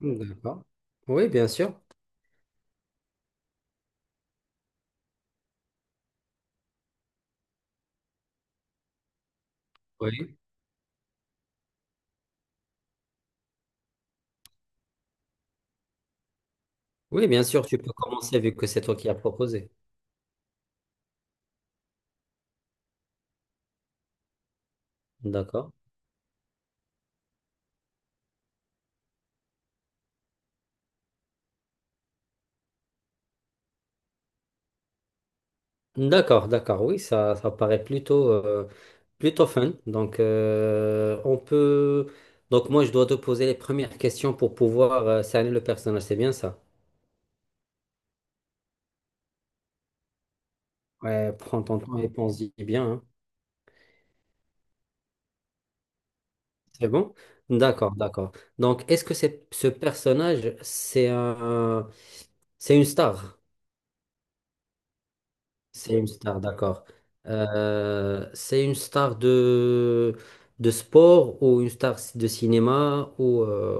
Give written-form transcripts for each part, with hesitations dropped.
Hmm, d'accord. Oui, bien sûr. Oui. Oui, bien sûr, tu peux commencer vu que c'est toi qui as proposé. D'accord. D'accord, d'accord. Oui, ça paraît plutôt, plutôt fun. Donc, on peut. Donc, moi, je dois te poser les premières questions pour pouvoir cerner le personnage. C'est bien ça. Ouais, prends ton temps et pense-y bien, hein. C'est bon? D'accord, d'accord. Donc, est-ce que c'est, ce personnage, c'est une star? C'est une star, d'accord. C'est une star de sport ou une star de cinéma ou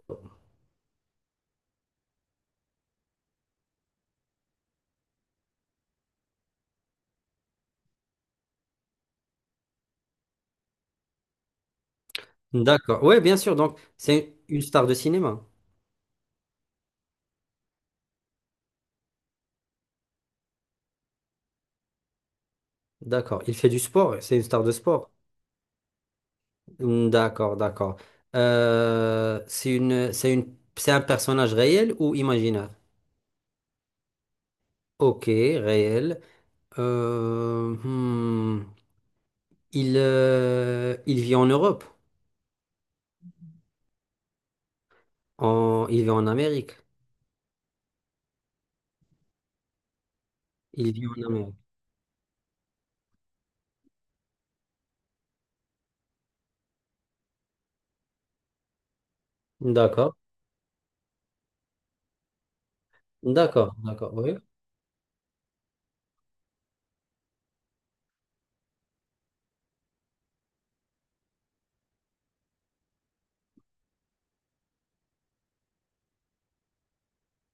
d'accord. Oui, bien sûr. Donc, c'est une star de cinéma. D'accord. Il fait du sport. C'est une star de sport. Hmm, d'accord, d'accord. C'est une, c'est une, c'est un personnage réel ou imaginaire? Ok, réel. Euh, hmm, il vit en Europe. En, il vit en Amérique. Il vit en Amérique. D'accord. D'accord, d'accord, oui.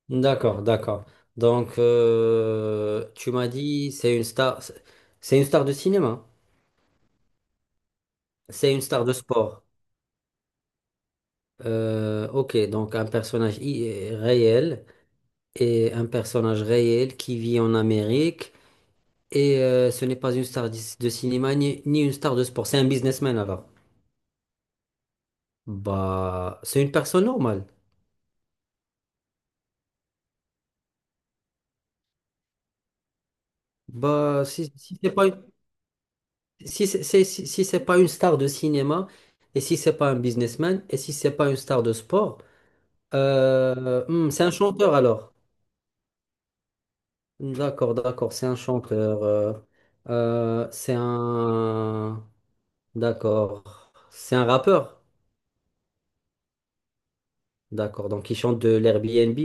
D'accord, d'accord. Donc, tu m'as dit, c'est une star de cinéma, c'est une star de sport. Ok, donc un personnage i- réel et un personnage réel qui vit en Amérique et ce n'est pas une star de cinéma ni, ni une star de sport, c'est un businessman alors. Bah, c'est une personne normale. Bah, si, si c'est pas Si c'est si c'est pas une star de cinéma, et si c'est pas un businessman, et si c'est pas une star de sport, c'est un chanteur alors. D'accord, d'accord, c'est un chanteur. C'est un. D'accord. C'est un rappeur. D'accord, donc il chante de l'Airbnb.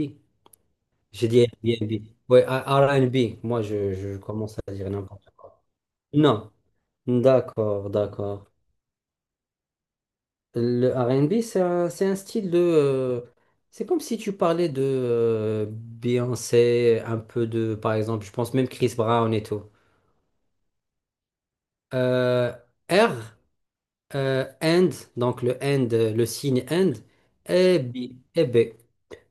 J'ai dit Airbnb. Ouais, R&B. Moi, je commence à dire n'importe quoi. Non. D'accord, d'accord. Le R&B, c'est un style de c'est comme si tu parlais de Beyoncé, un peu de, par exemple, je pense même Chris Brown et tout. Euh, R, and, donc le and, le signe and, et B. Et B.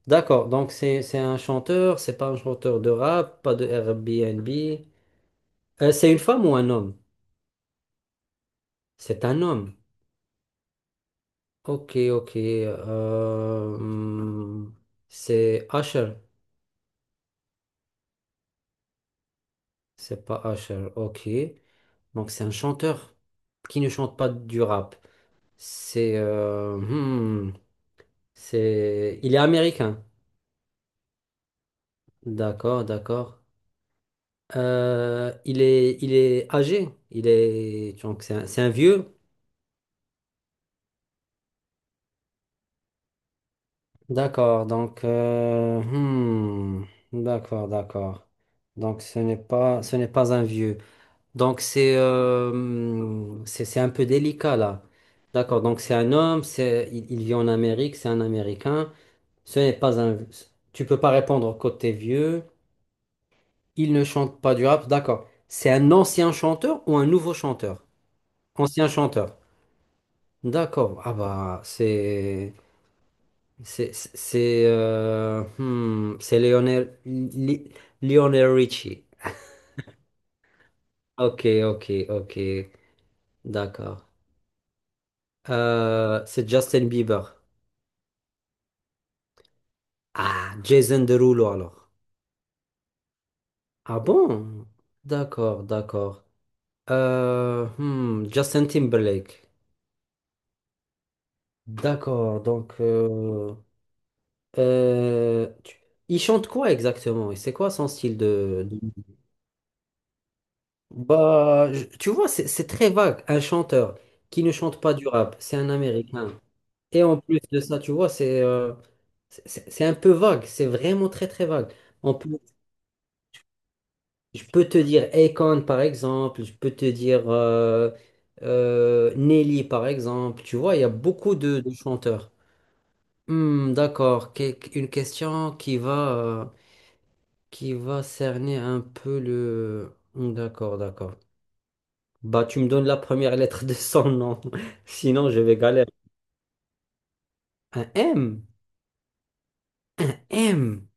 D'accord, donc c'est un chanteur, c'est pas un chanteur de rap, pas de Airbnb. C'est une femme ou un homme? C'est un homme. Ok, ok. C'est Usher. C'est pas Usher, ok. Donc c'est un chanteur qui ne chante pas du rap. C'est... euh, hmm, Il est américain. D'accord, d'accord. Il est, il est âgé. Il est... Donc c'est un vieux. D'accord, d'accord, d'accord. Donc ce n'est pas un vieux. Donc c'est c'est un peu délicat là. D'accord, donc c'est un homme, c'est il vit en Amérique, c'est un Américain. Ce n'est pas un tu peux pas répondre côté vieux. Il ne chante pas du rap, d'accord. C'est un ancien chanteur ou un nouveau chanteur? Ancien chanteur. D'accord. Ah bah c'est c'est Lionel Lionel Richie. OK, OK, OK. D'accord. C'est Justin Bieber. Ah, Jason Derulo alors. Ah bon? D'accord, d'accord. Justin Timberlake. D'accord, euh, tu- il chante quoi exactement? Et c'est quoi son style de- Bah, tu vois, c'est très vague. Un chanteur qui ne chante pas du rap, c'est un Américain. Et en plus de ça, tu vois, c'est un peu vague. C'est vraiment très, très vague. On peut. Je peux te dire Akon par exemple, je peux te dire Nelly par exemple, tu vois, il y a beaucoup de chanteurs. Hmm, d'accord, une question qui va cerner un peu le... Hmm, d'accord, d'accord. Bah tu me donnes la première lettre de son nom, sinon je vais galérer. Un M? Un M?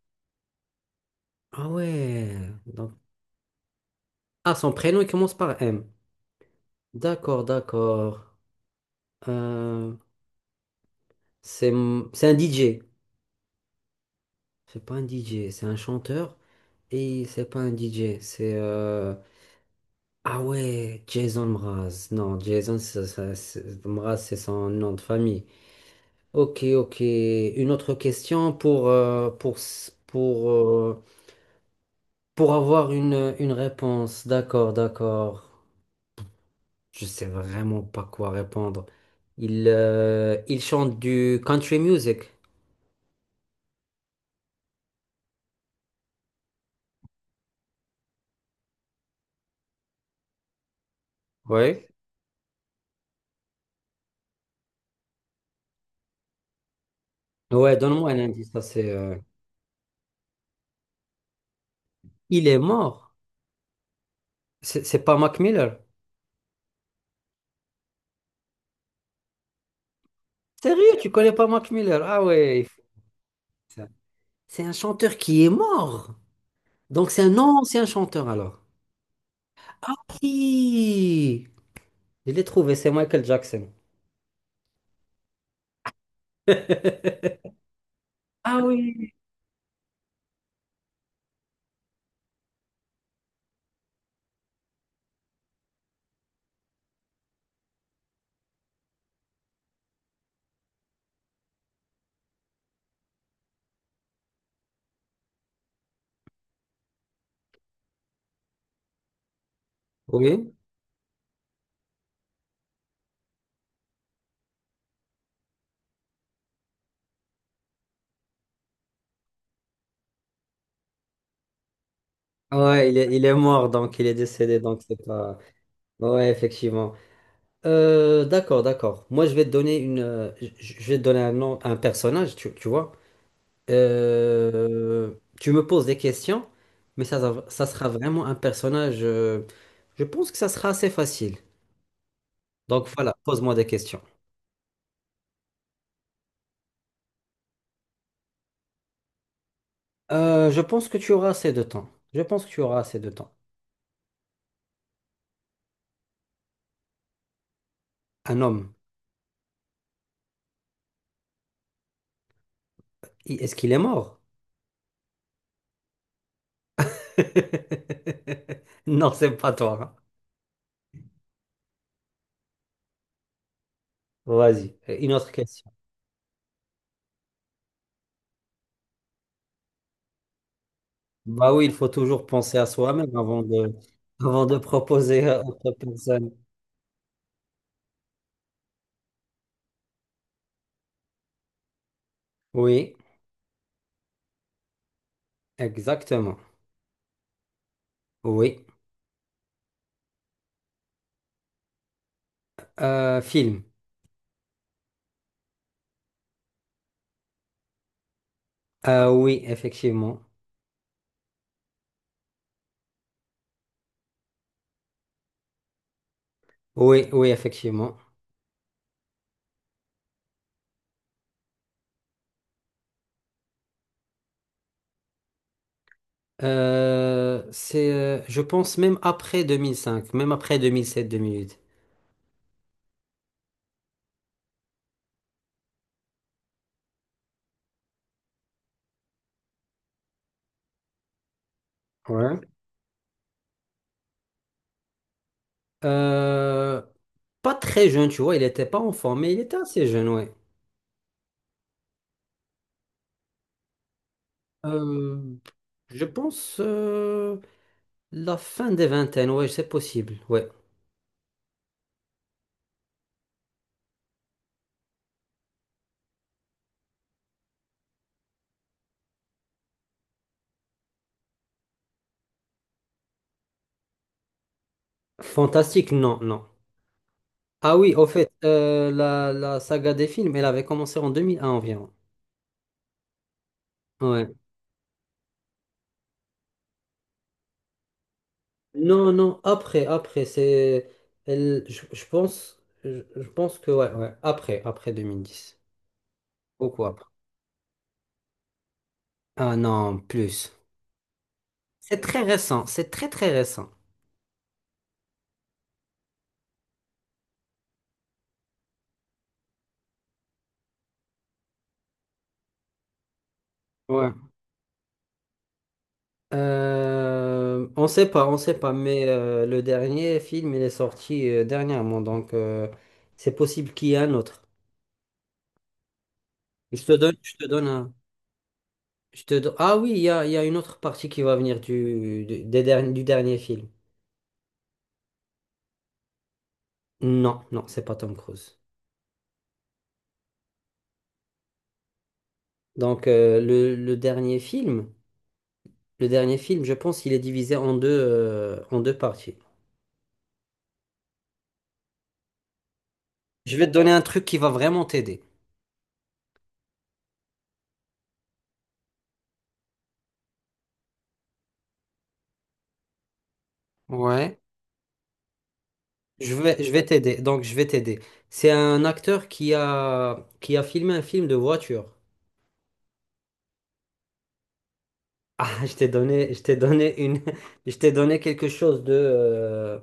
Ah ouais. Donc... Ah, son prénom il commence par M. D'accord, d'accord. Euh, c'est c'est un DJ. C'est pas un DJ, c'est un chanteur. Et c'est pas un DJ, ah ouais, Jason Mraz. Non, Jason ça- ça- c'est- Mraz, c'est son nom de famille. Ok, ok. Une autre question pour, pour avoir une réponse. D'accord, d'accord. Je sais vraiment pas quoi répondre. Il chante du country music. Ouais. Ouais, donne-moi un indice. Ça, c'est, il est mort. C'est pas Mac Miller. Sérieux, tu connais pas Mac Miller? Ah ouais, il faut ça. C'est un chanteur qui est mort. Donc c'est un ancien chanteur alors. Ah oui, je l'ai trouvé, c'est Michael Jackson. Ah oui. Oui. Ouais, il est mort, donc il est décédé, donc c'est pas. Ouais, effectivement. D'accord, d'accord. Moi, je vais te donner une, je vais te donner un nom, un personnage, tu vois. Euh, tu me poses des questions, mais ça sera vraiment un personnage. Je pense que ça sera assez facile. Donc voilà, pose-moi des questions. Je pense que tu auras assez de temps. Je pense que tu auras assez de temps. Un homme, est-ce qu'il est mort? Non, c'est pas toi, hein. Vas-y, une autre question. Bah oui, il faut toujours penser à soi-même avant de proposer à autre personne. Oui, exactement. Oui. Film. Oui, effectivement. Oui, oui, effectivement. C'est, je pense même après 2005, même après 2007-2008. Ouais. Euh, Pas très jeune, tu vois, il n'était pas enfant, mais il était assez jeune, ouais. Euh, je pense La fin des vingtaines, ouais, c'est possible, ouais. Fantastique, non, non. Ah oui, au fait, la, la saga des films, elle avait commencé en 2001 environ. Ouais. Non, non, après, après, c'est... je pense, je pense que, ouais, ouais, après, après 2010. Beaucoup après. Ah non, plus. C'est très récent, c'est très très récent. Ouais. On sait pas, on sait pas, mais le dernier film, il est sorti dernièrement, donc c'est possible qu'il y ait un autre. Je te donne un... Ah oui, il y a une autre partie qui va venir du dernier film. Non, non, c'est pas Tom Cruise. Donc le dernier film, je pense qu'il est divisé en deux parties. Je vais te donner un truc qui va vraiment t'aider. Ouais. Je vais t'aider. Donc, je vais t'aider. C'est un acteur qui a filmé un film de voiture. Ah, je t'ai donné une, je t'ai donné quelque chose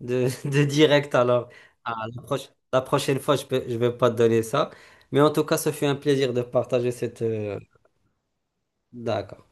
de, de direct. Alors, ah, la prochaine fois, je vais pas te donner ça. Mais en tout cas, ce fut un plaisir de partager cette. D'accord.